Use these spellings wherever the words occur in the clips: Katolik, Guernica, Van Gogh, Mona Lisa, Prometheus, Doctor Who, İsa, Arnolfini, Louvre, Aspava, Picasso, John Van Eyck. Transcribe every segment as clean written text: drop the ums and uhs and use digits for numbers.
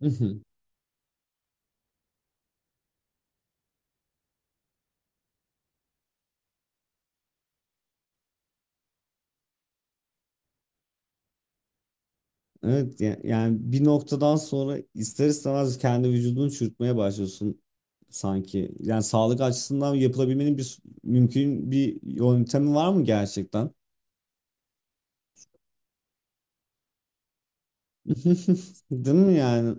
Hı hı. Evet yani bir noktadan sonra ister istemez kendi vücudunu çürütmeye başlıyorsun sanki. Yani sağlık açısından yapılabilmenin bir mümkün bir yöntemi var mı gerçekten? Değil mi yani?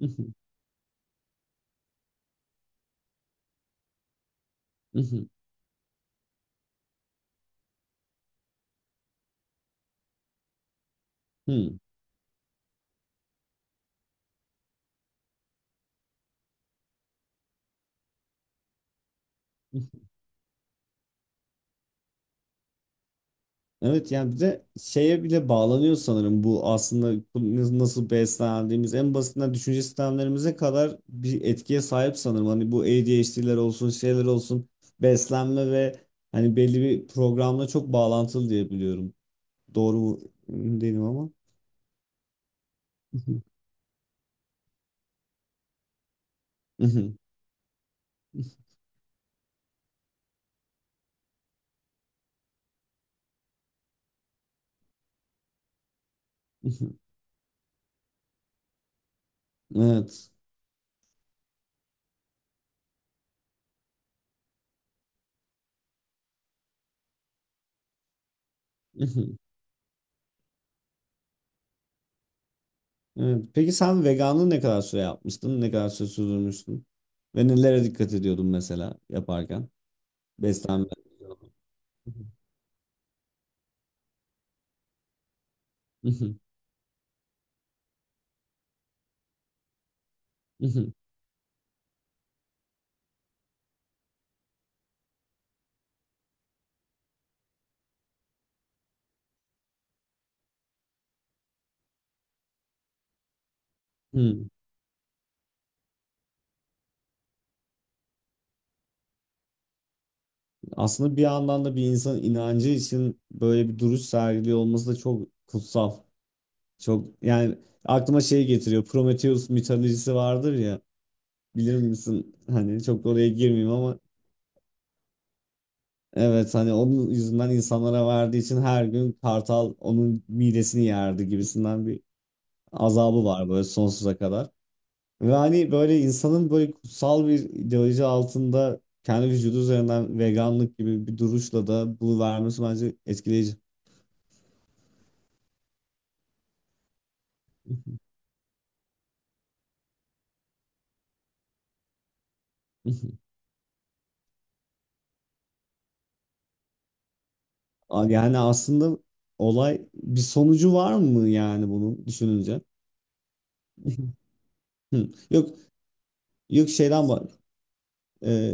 Hı hı. Hı hı. Hı. Evet, yani bir de şeye bile bağlanıyor sanırım bu, aslında bu nasıl beslendiğimiz en basitinden düşünce sistemlerimize kadar bir etkiye sahip sanırım. Hani bu ADHD'ler olsun, şeyler olsun, beslenme ve hani belli bir programla çok bağlantılı diye biliyorum. Doğru mu emin değilim ama. Evet. Evet. Peki sen veganlığı ne kadar süre yapmıştın? Ne kadar süre sürdürmüştün? Ve nelere dikkat ediyordun mesela yaparken? Beslenme. Hı. Hı. Hı. Aslında bir yandan da bir insanın inancı için böyle bir duruş sergiliyor olması da çok kutsal. Çok, yani aklıma şey getiriyor. Prometheus mitolojisi vardır ya. Bilir misin? Hani çok oraya girmeyeyim ama evet, hani onun yüzünden insanlara verdiği için her gün kartal onun midesini yerdi gibisinden bir azabı var böyle sonsuza kadar. Ve hani böyle insanın böyle kutsal bir ideoloji altında kendi vücudu üzerinden veganlık gibi bir duruşla da bunu vermesi bence etkileyici. Yani aslında olay, bir sonucu var mı yani bunun düşününce? Hı. Yok, yok, şeyden bak,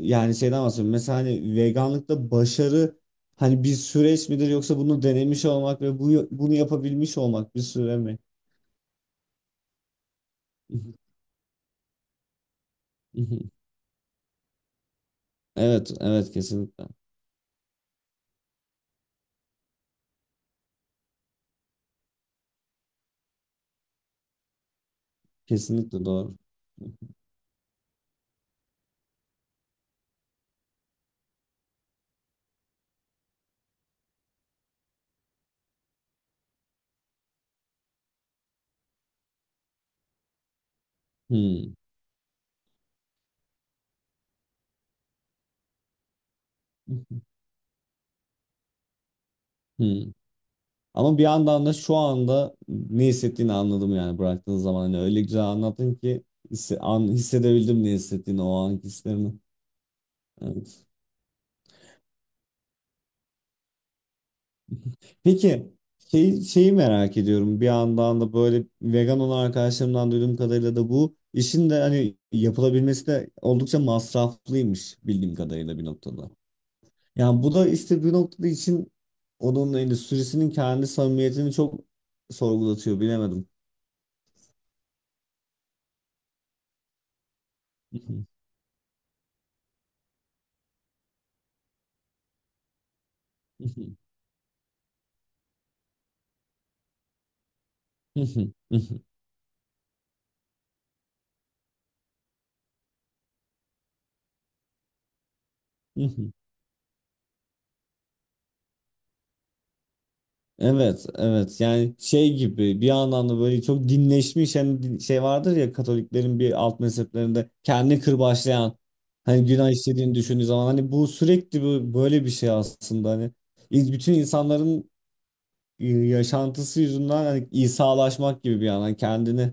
yani şeyden bahsediyorum. Mesela hani veganlıkta başarı hani bir süreç midir, yoksa bunu denemiş olmak ve bunu yapabilmiş olmak bir süre mi? Evet, evet, kesinlikle. Kesinlikle doğru. Hı. Hmm. Ama bir yandan da şu anda ne hissettiğini anladım, yani bıraktığın zaman hani öyle güzel anlattın ki hissedebildim ne hissettiğini, o anki hislerini. Evet. Peki şeyi merak ediyorum bir yandan da, böyle vegan olan arkadaşlarımdan duyduğum kadarıyla da bu işin de hani yapılabilmesi de oldukça masraflıymış bildiğim kadarıyla bir noktada. Yani bu da işte bir noktada için onun endüstrisinin kendi samimiyetini çok sorgulatıyor, bilemedim. Hı hı, hı hı, hı hı. Evet, evet. Yani şey gibi bir yandan da böyle çok dinleşmiş hani şey vardır ya, Katoliklerin bir alt mezheplerinde kendi kırbaçlayan, hani günah işlediğini düşündüğü zaman hani bu sürekli böyle bir şey aslında hani bütün insanların yaşantısı yüzünden hani İsa'laşmak gibi bir yandan kendini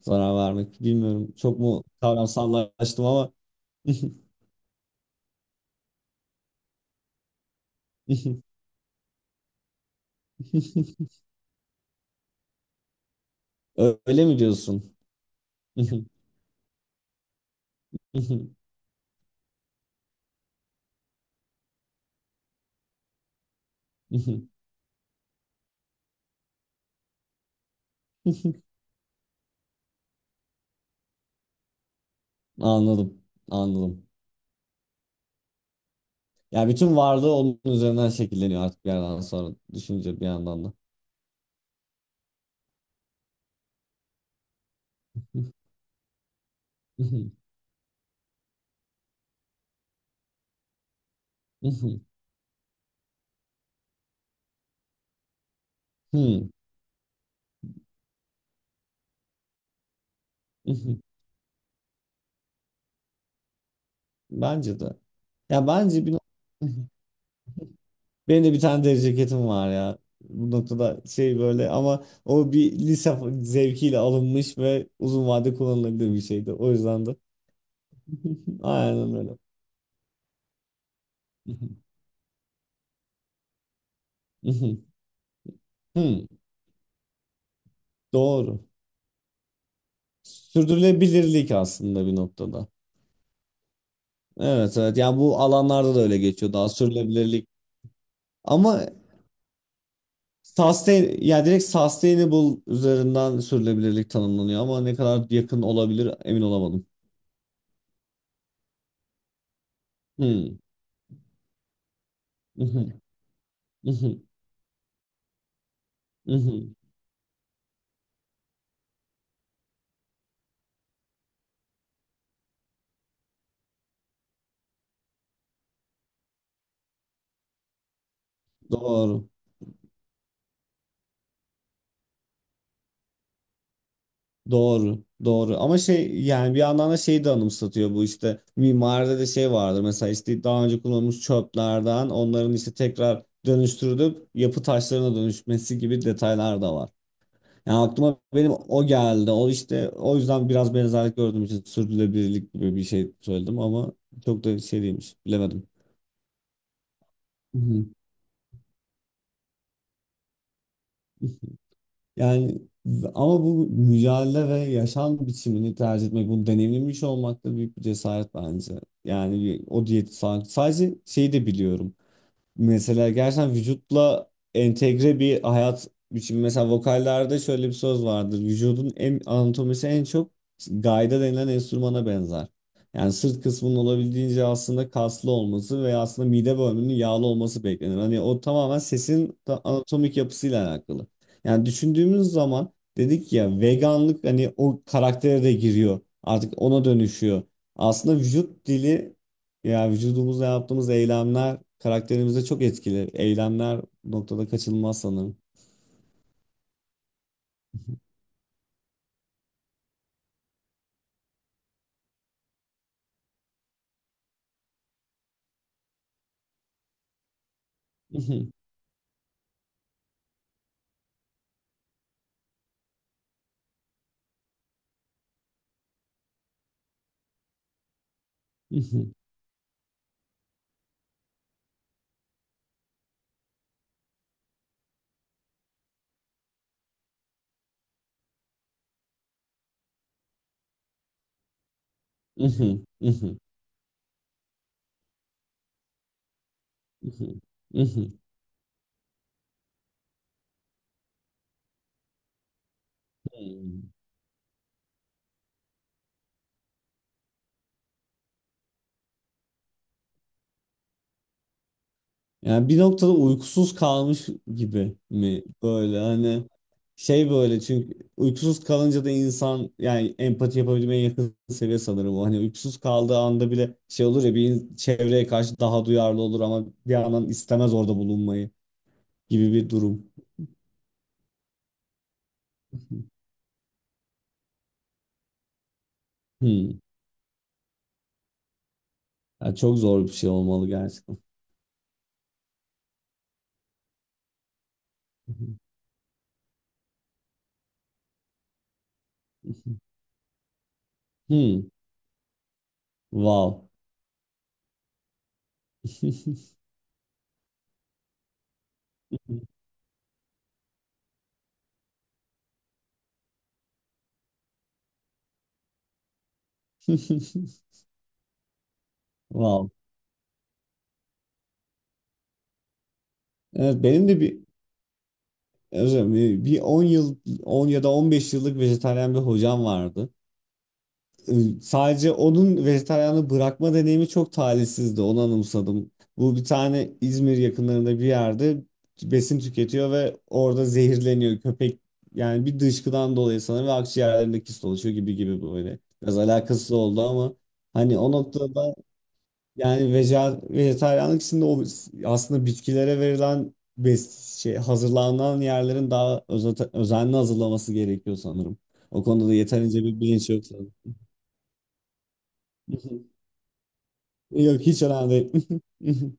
zarar vermek. Bilmiyorum, çok mu kavramsallaştım ama öyle mi diyorsun? Anladım. Anladım. Yani bütün varlığı onun üzerinden şekilleniyor artık bir yerden sonra düşünce bir yandan da. Bence de. Ya bence bir benim de bir tane deri ceketim var ya. Bu noktada şey, böyle ama o bir lise zevkiyle alınmış ve uzun vade kullanılabilir bir şeydi. O yüzden de. Aynen öyle. Doğru. Sürdürülebilirlik aslında bir noktada. Evet, evet, yani bu alanlarda da öyle geçiyor, daha sürdürülebilirlik ama sustain, yani direkt sustainable üzerinden sürdürülebilirlik tanımlanıyor ama ne kadar yakın olabilir emin olamadım. Hmm. Mhm, mhm, mhm. Doğru. Doğru. Doğru. Ama şey, yani bir yandan da şeyi de anımsatıyor bu, işte mimaride de şey vardır mesela, işte daha önce kullanılmış çöplerden onların işte tekrar dönüştürülüp yapı taşlarına dönüşmesi gibi detaylar da var. Yani aklıma benim o geldi. O işte, o yüzden biraz benzerlik gördüğüm için sürdürülebilirlik gibi bir şey söyledim ama çok da şey değilmiş. Bilemedim. Hı hı. Yani ama bu mücadele ve yaşam biçimini tercih etmek, bunu deneyimlemiş olmak da büyük bir cesaret bence. Yani o diyeti sadece şeyi de biliyorum. Mesela gerçekten vücutla entegre bir hayat biçimi. Mesela vokallerde şöyle bir söz vardır. Vücudun en, anatomisi en çok gayda denilen enstrümana benzer. Yani sırt kısmının olabildiğince aslında kaslı olması veya aslında mide bölümünün yağlı olması beklenir. Hani o tamamen sesin anatomik yapısıyla alakalı. Yani düşündüğümüz zaman dedik ya, veganlık hani o karaktere de giriyor. Artık ona dönüşüyor. Aslında vücut dili, ya vücudumuzla yaptığımız eylemler karakterimize çok etkili. Eylemler bu noktada kaçınılmaz sanırım. Yani bir noktada uykusuz kalmış gibi mi böyle, hani şey böyle, çünkü uykusuz kalınca da insan yani empati yapabilmeye yakın seviye sanırım o. Hani uykusuz kaldığı anda bile şey olur ya, bir çevreye karşı daha duyarlı olur ama bir yandan istemez orada bulunmayı gibi bir durum. Ya çok zor bir şey olmalı gerçekten. Hmm. Wow. Wow. Evet, benim de bir özür dilerim, bir 10 yıl, 10 ya da 15 yıllık vejetaryen bir hocam vardı. Sadece onun vejetaryenliği bırakma deneyimi çok talihsizdi. Onu anımsadım. Bu, bir tane İzmir yakınlarında bir yerde besin tüketiyor ve orada zehirleniyor köpek. Yani bir dışkıdan dolayı sanırım ve akciğerlerinde kist oluşuyor gibi gibi böyle. Biraz alakasız oldu ama hani o noktada, yani veje, vejetaryenlik içinde o, aslında bitkilere verilen hazırlanan yerlerin daha özenli hazırlaması gerekiyor sanırım. O konuda da yeterince bir bilinç yok sanırım. Yok, hiç önemli değil.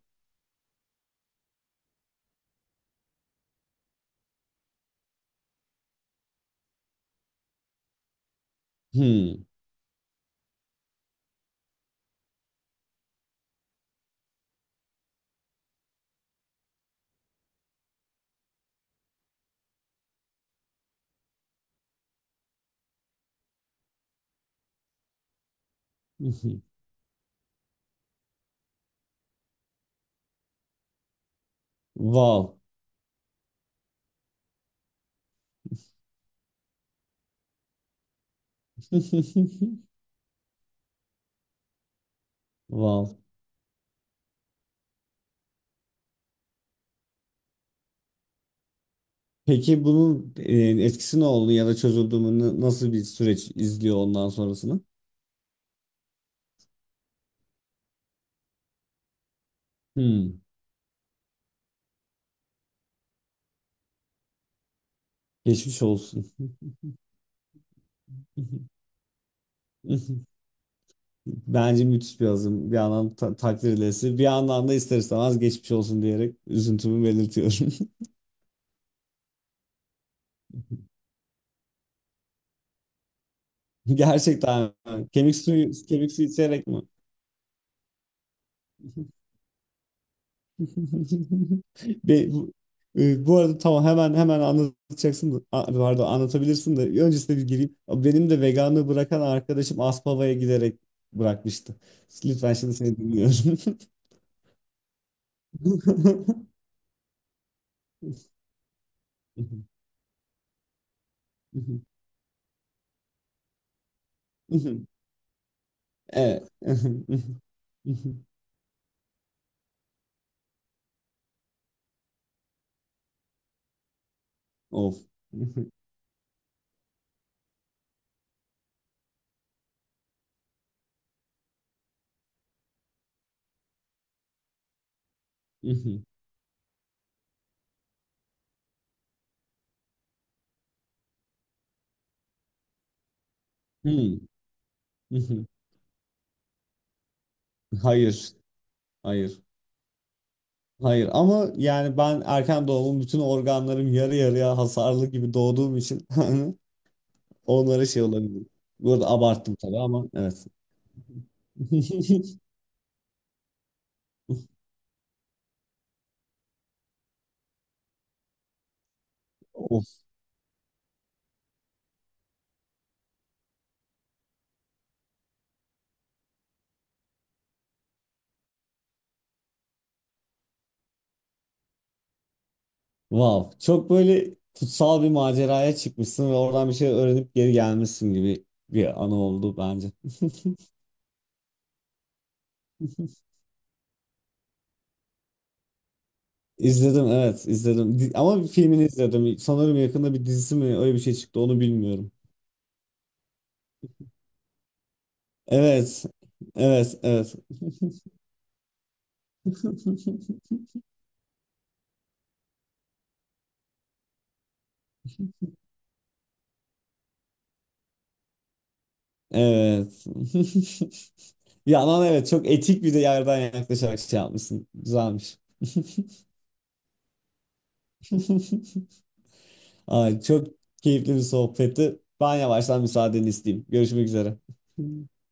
Hmm. Wow. Wow. Peki bunun etkisi ne oldu ya da çözüldü mü? Nasıl bir süreç izliyor ondan sonrasını? Hmm. Geçmiş olsun. Bence müthiş bir azım. Bir yandan ta takdir edilesi, bir yandan da ister istemez geçmiş olsun diyerek üzüntümü belirtiyorum. Gerçekten kemik suyu, kemik suyu içerek mi? Bu, bu arada tamam, hemen hemen anlatacaksın da pardon, anlatabilirsin de öncesinde bir gireyim. Benim de veganlığı bırakan arkadaşım Aspava'ya giderek bırakmıştı. Lütfen, şimdi seni dinliyorum. Evet. Of. Hmm. Hayır. Hayır. Hayır ama yani ben erken doğumum, bütün organlarım yarı yarıya hasarlı gibi doğduğum için onlara şey olabilir. Bu arada abarttım tabii ama evet. Of, wow. Çok böyle kutsal bir maceraya çıkmışsın ve oradan bir şey öğrenip geri gelmişsin gibi bir anı oldu bence. İzledim, evet, izledim. Ama bir filmini izledim. Sanırım yakında bir dizisi mi öyle bir şey çıktı onu bilmiyorum. Evet. Evet, evet. Evet. Bir yandan evet, çok etik bir de yerden yaklaşarak şey yapmışsın. Güzelmiş. Ay, çok keyifli bir sohbetti. Ben yavaştan müsaadeni isteyeyim. Görüşmek üzere.